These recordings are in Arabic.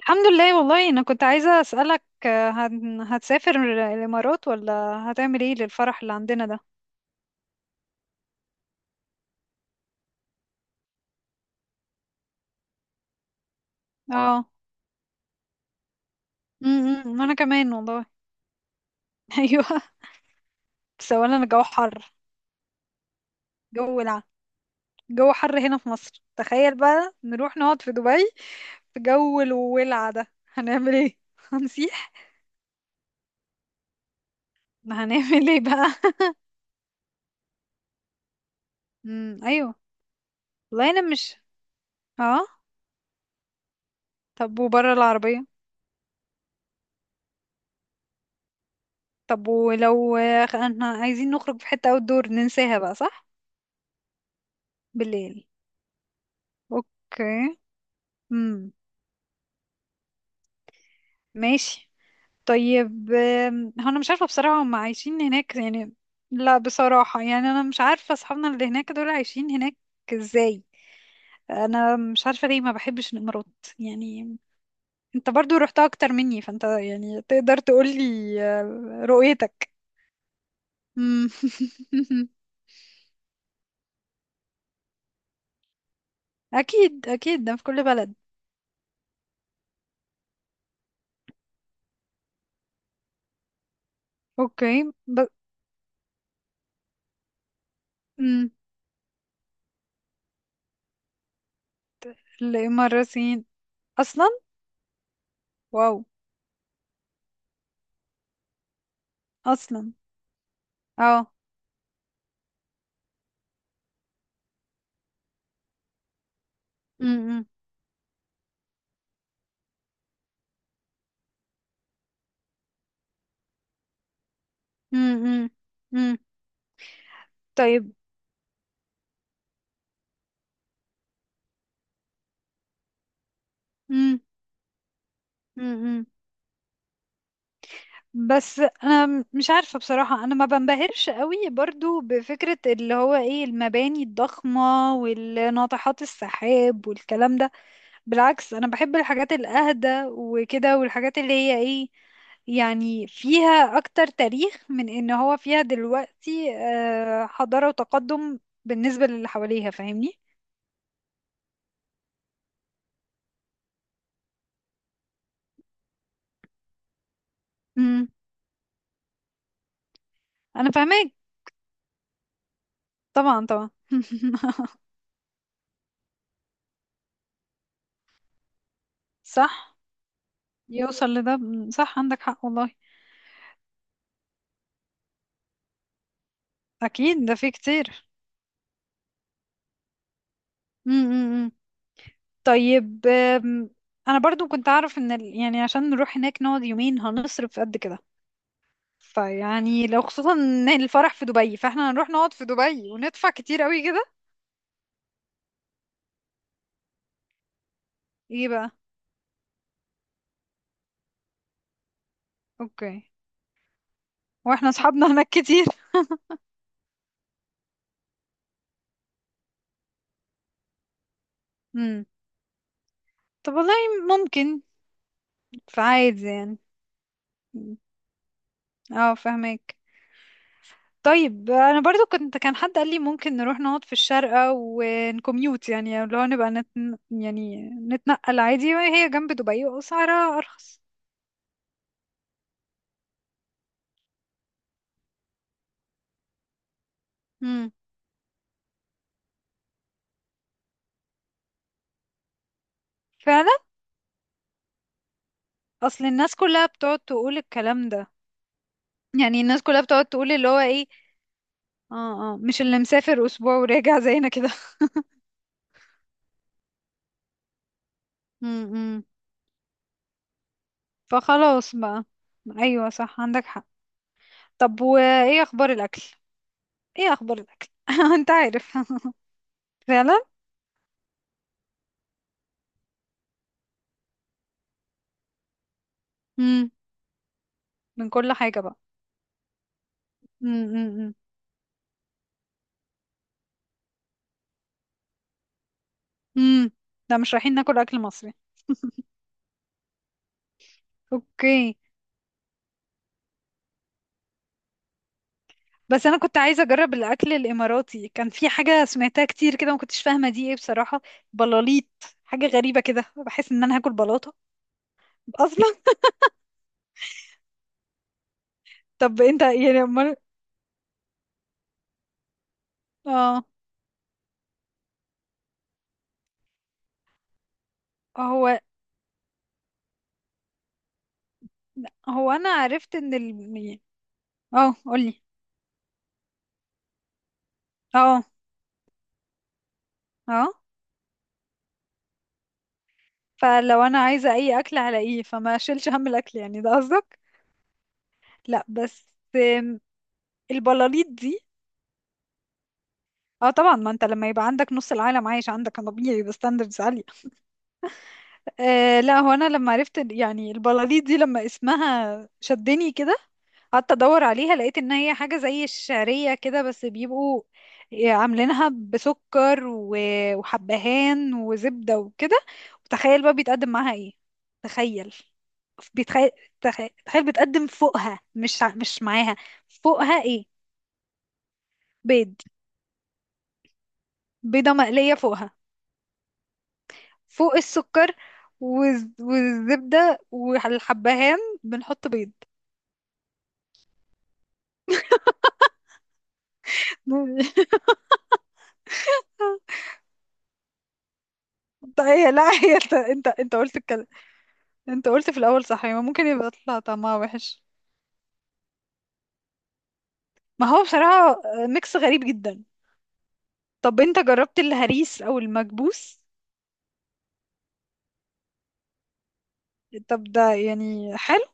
الحمد لله. والله انا كنت عايزة اسألك هتسافر الامارات ولا هتعمل ايه للفرح اللي عندنا ده؟ اه. انا كمان والله. ايوه. بس اولا الجو حر، جو ولع، جو حر هنا في مصر. تخيل بقى نروح نقعد في دبي في جو الولع ده، هنعمل ايه؟ هنسيح. ما هنعمل ايه بقى؟ ايوه. والله انا مش. اه. طب وبره العربية؟ طب ولو احنا عايزين نخرج في حتة outdoor، ننساها بقى، صح؟ بالليل. اوكي. امم. ماشي. طيب، هو انا مش عارفه بصراحه هم عايشين هناك يعني؟ لا بصراحه، يعني انا مش عارفه اصحابنا اللي هناك دول عايشين هناك ازاي. انا مش عارفه ليه ما بحبش الامارات يعني. انت برضو رحتها اكتر مني، فانت يعني تقدر تقولي. رؤيتك. مم. اكيد اكيد، ده في كل بلد. اوكي مم. الاماراتيين اصلا. واو. اصلا. اه. امم. امم. امم. طيب. امم. بس انا مش عارفه بصراحه، انا ما بنبهرش قوي برضو بفكره اللي هو ايه، المباني الضخمه والناطحات السحاب والكلام ده. بالعكس انا بحب الحاجات الاهدى وكده، والحاجات اللي هي ايه، يعني فيها اكتر تاريخ من ان هو فيها دلوقتي حضاره وتقدم، بالنسبه للي حواليها، فاهمني. امم. انا فاهماك. طبعا طبعا. صح يوصل لده. صح عندك حق والله. اكيد ده في كتير. امم. طيب. أم، انا برضو كنت اعرف ان يعني عشان نروح هناك نقعد يومين هنصرف قد كده. فيعني لو خصوصا ان الفرح في دبي، فاحنا هنروح نقعد في دبي وندفع كتير قوي كده. ايه بقى؟ اوكي. واحنا اصحابنا هناك كتير. امم. طب والله ممكن، فعادي يعني. مم. اه، فهمك. طيب انا برضو كان حد قال لي ممكن نروح نقعد في الشارقة ونكميوت، يعني اللي هو نبقى يعني نتنقل عادي، وهي جنب دبي واسعارها ارخص. امم. فعلا. اصل الناس كلها بتقعد تقول الكلام ده. يعني الناس كلها بتقعد تقول اللي هو ايه. اه، اه، مش اللي مسافر اسبوع وراجع زينا كده. امم. فخلاص بقى. ايوه، صح عندك حق. طب وايه اخبار الاكل؟ ايه اخبار الاكل؟ انت عارف. فعلا. امم. من كل حاجة بقى. امم. امم. لا مش رايحين ناكل اكل مصري. اوكي. بس انا كنت عايزه اجرب الاكل الاماراتي، كان في حاجه سمعتها كتير كده ما كنتش فاهمه دي ايه بصراحه. بلاليط. حاجه غريبه كده، بحس ان انا هاكل بلاطه اصلا. طب انت يعني امال. اه. هو هو انا عرفت ان ال اه، قولي. اه اه، فلو انا عايزه اي اكل على ايه، فما اشيلش هم الاكل يعني ده قصدك. لا بس. آم، البلاليط دي. اه طبعا، ما انت لما يبقى عندك نص العالم عايش عندك، كان طبيعي يبقى ستاندردز عالية. لا هو انا لما عرفت يعني البلاليط دي لما اسمها شدني كده. قعدت ادور عليها لقيت ان هي حاجة زي الشعرية كده، بس بيبقوا عاملينها بسكر وحبهان وزبدة وكده. وتخيل بقى بيتقدم معاها ايه؟ تخيل. بيتخيل تخيل, تخيل بتقدم فوقها، مش معاها. فوقها ايه؟ بيض. بيضة مقلية فوقها، فوق السكر. والزبدة والحبهان. بنحط بيض. طيب. هي لا، هي انت قلت الكلام. انت قلت في الاول، صح، يعني ممكن يبقى يطلع طعمها وحش. ما هو بصراحة، ميكس غريب جدا. طب انت جربت الهريس او المكبوس؟ طب ده يعني حلو.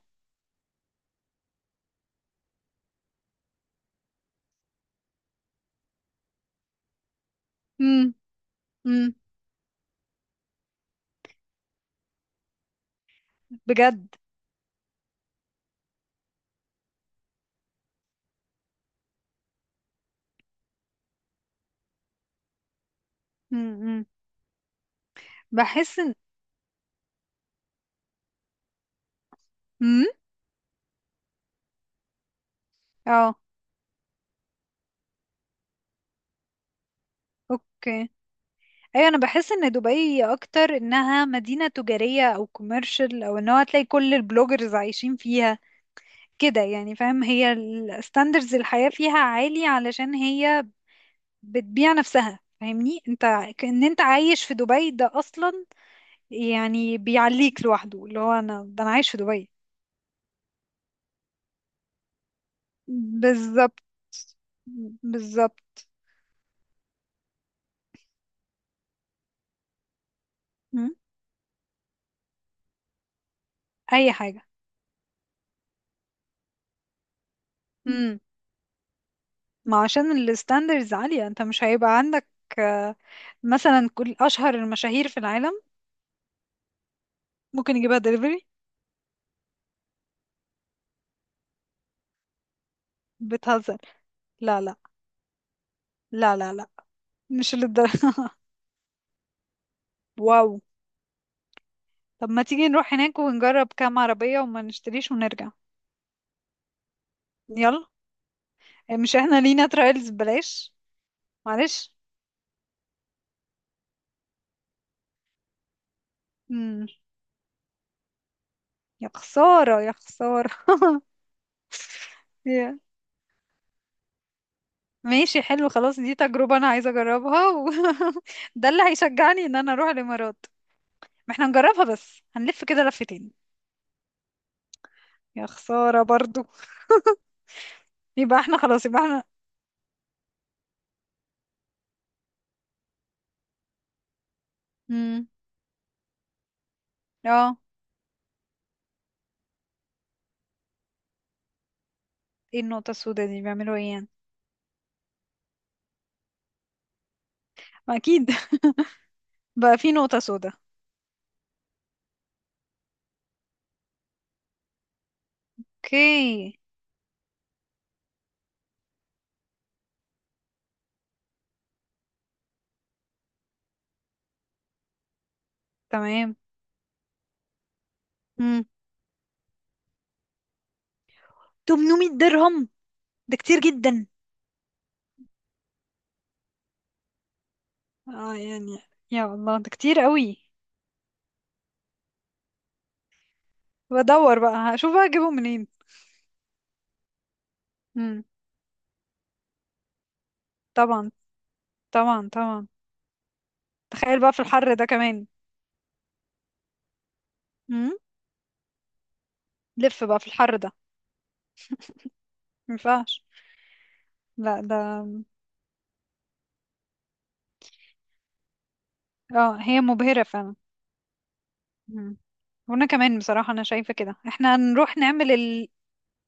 امم. امم. بجد. امم. بحس ان. امم. اه. اوكي. ايوه، انا بحس ان دبي اكتر انها مدينة تجارية او كوميرشال، او ان هو هتلاقي كل البلوجرز عايشين فيها كده يعني، فاهم؟ هي الستاندرز الحياة فيها عالي علشان هي بتبيع نفسها، فاهمني انت، ان انت عايش في دبي ده اصلا. يعني بيعليك لوحده، اللي هو انا، ده انا عايش في دبي. بالظبط. بالظبط. مم. اي حاجة. ما عشان الستاندرز عالية، انت مش هيبقى عندك آه، مثلا كل اشهر المشاهير في العالم ممكن يجيبها دليفري. بتهزر؟ لا لا. لا لا، لا مش للدرجة. واو. طب ما تيجي نروح هناك ونجرب كام عربية وما نشتريش ونرجع. يلا. إيه، مش احنا لينا ترايلز بلاش؟ معلش. مم. يا خسارة، يا خسارة. يا. ماشي حلو. خلاص دي تجربة انا عايزة اجربها و... ده اللي هيشجعني ان انا اروح الامارات. ما احنا هنجربها، بس هنلف كده لفتين. يا خسارة برضو. يبقى احنا خلاص، يبقى احنا. امم. اه. ايه النقطة السوداء دي، بيعملوا ايه يعني؟ ما اكيد. بقى في نقطة سوداء. اوكي. تمام. امم. 800 درهم. ده كتير جدا. اه يعني. يا الله، ده كتير قوي. بدور بقى، هشوف بقى اجيبه منين. امم. طبعا، طبعا، طبعا. تخيل بقى في الحر ده كمان. امم. لف بقى في الحر ده. مينفعش. لا ده. اه هي مبهرة فعلا. وانا كمان بصراحة انا شايفة كده، احنا نروح نعمل ال...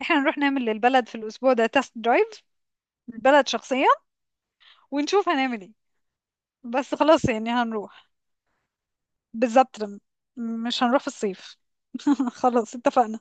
احنا نروح نعمل للبلد في الاسبوع ده تest درايف. البلد شخصيا. ونشوف هنعمل ايه. بس خلاص يعني هنروح. بالظبط. مش هنروح في الصيف. خلاص اتفقنا.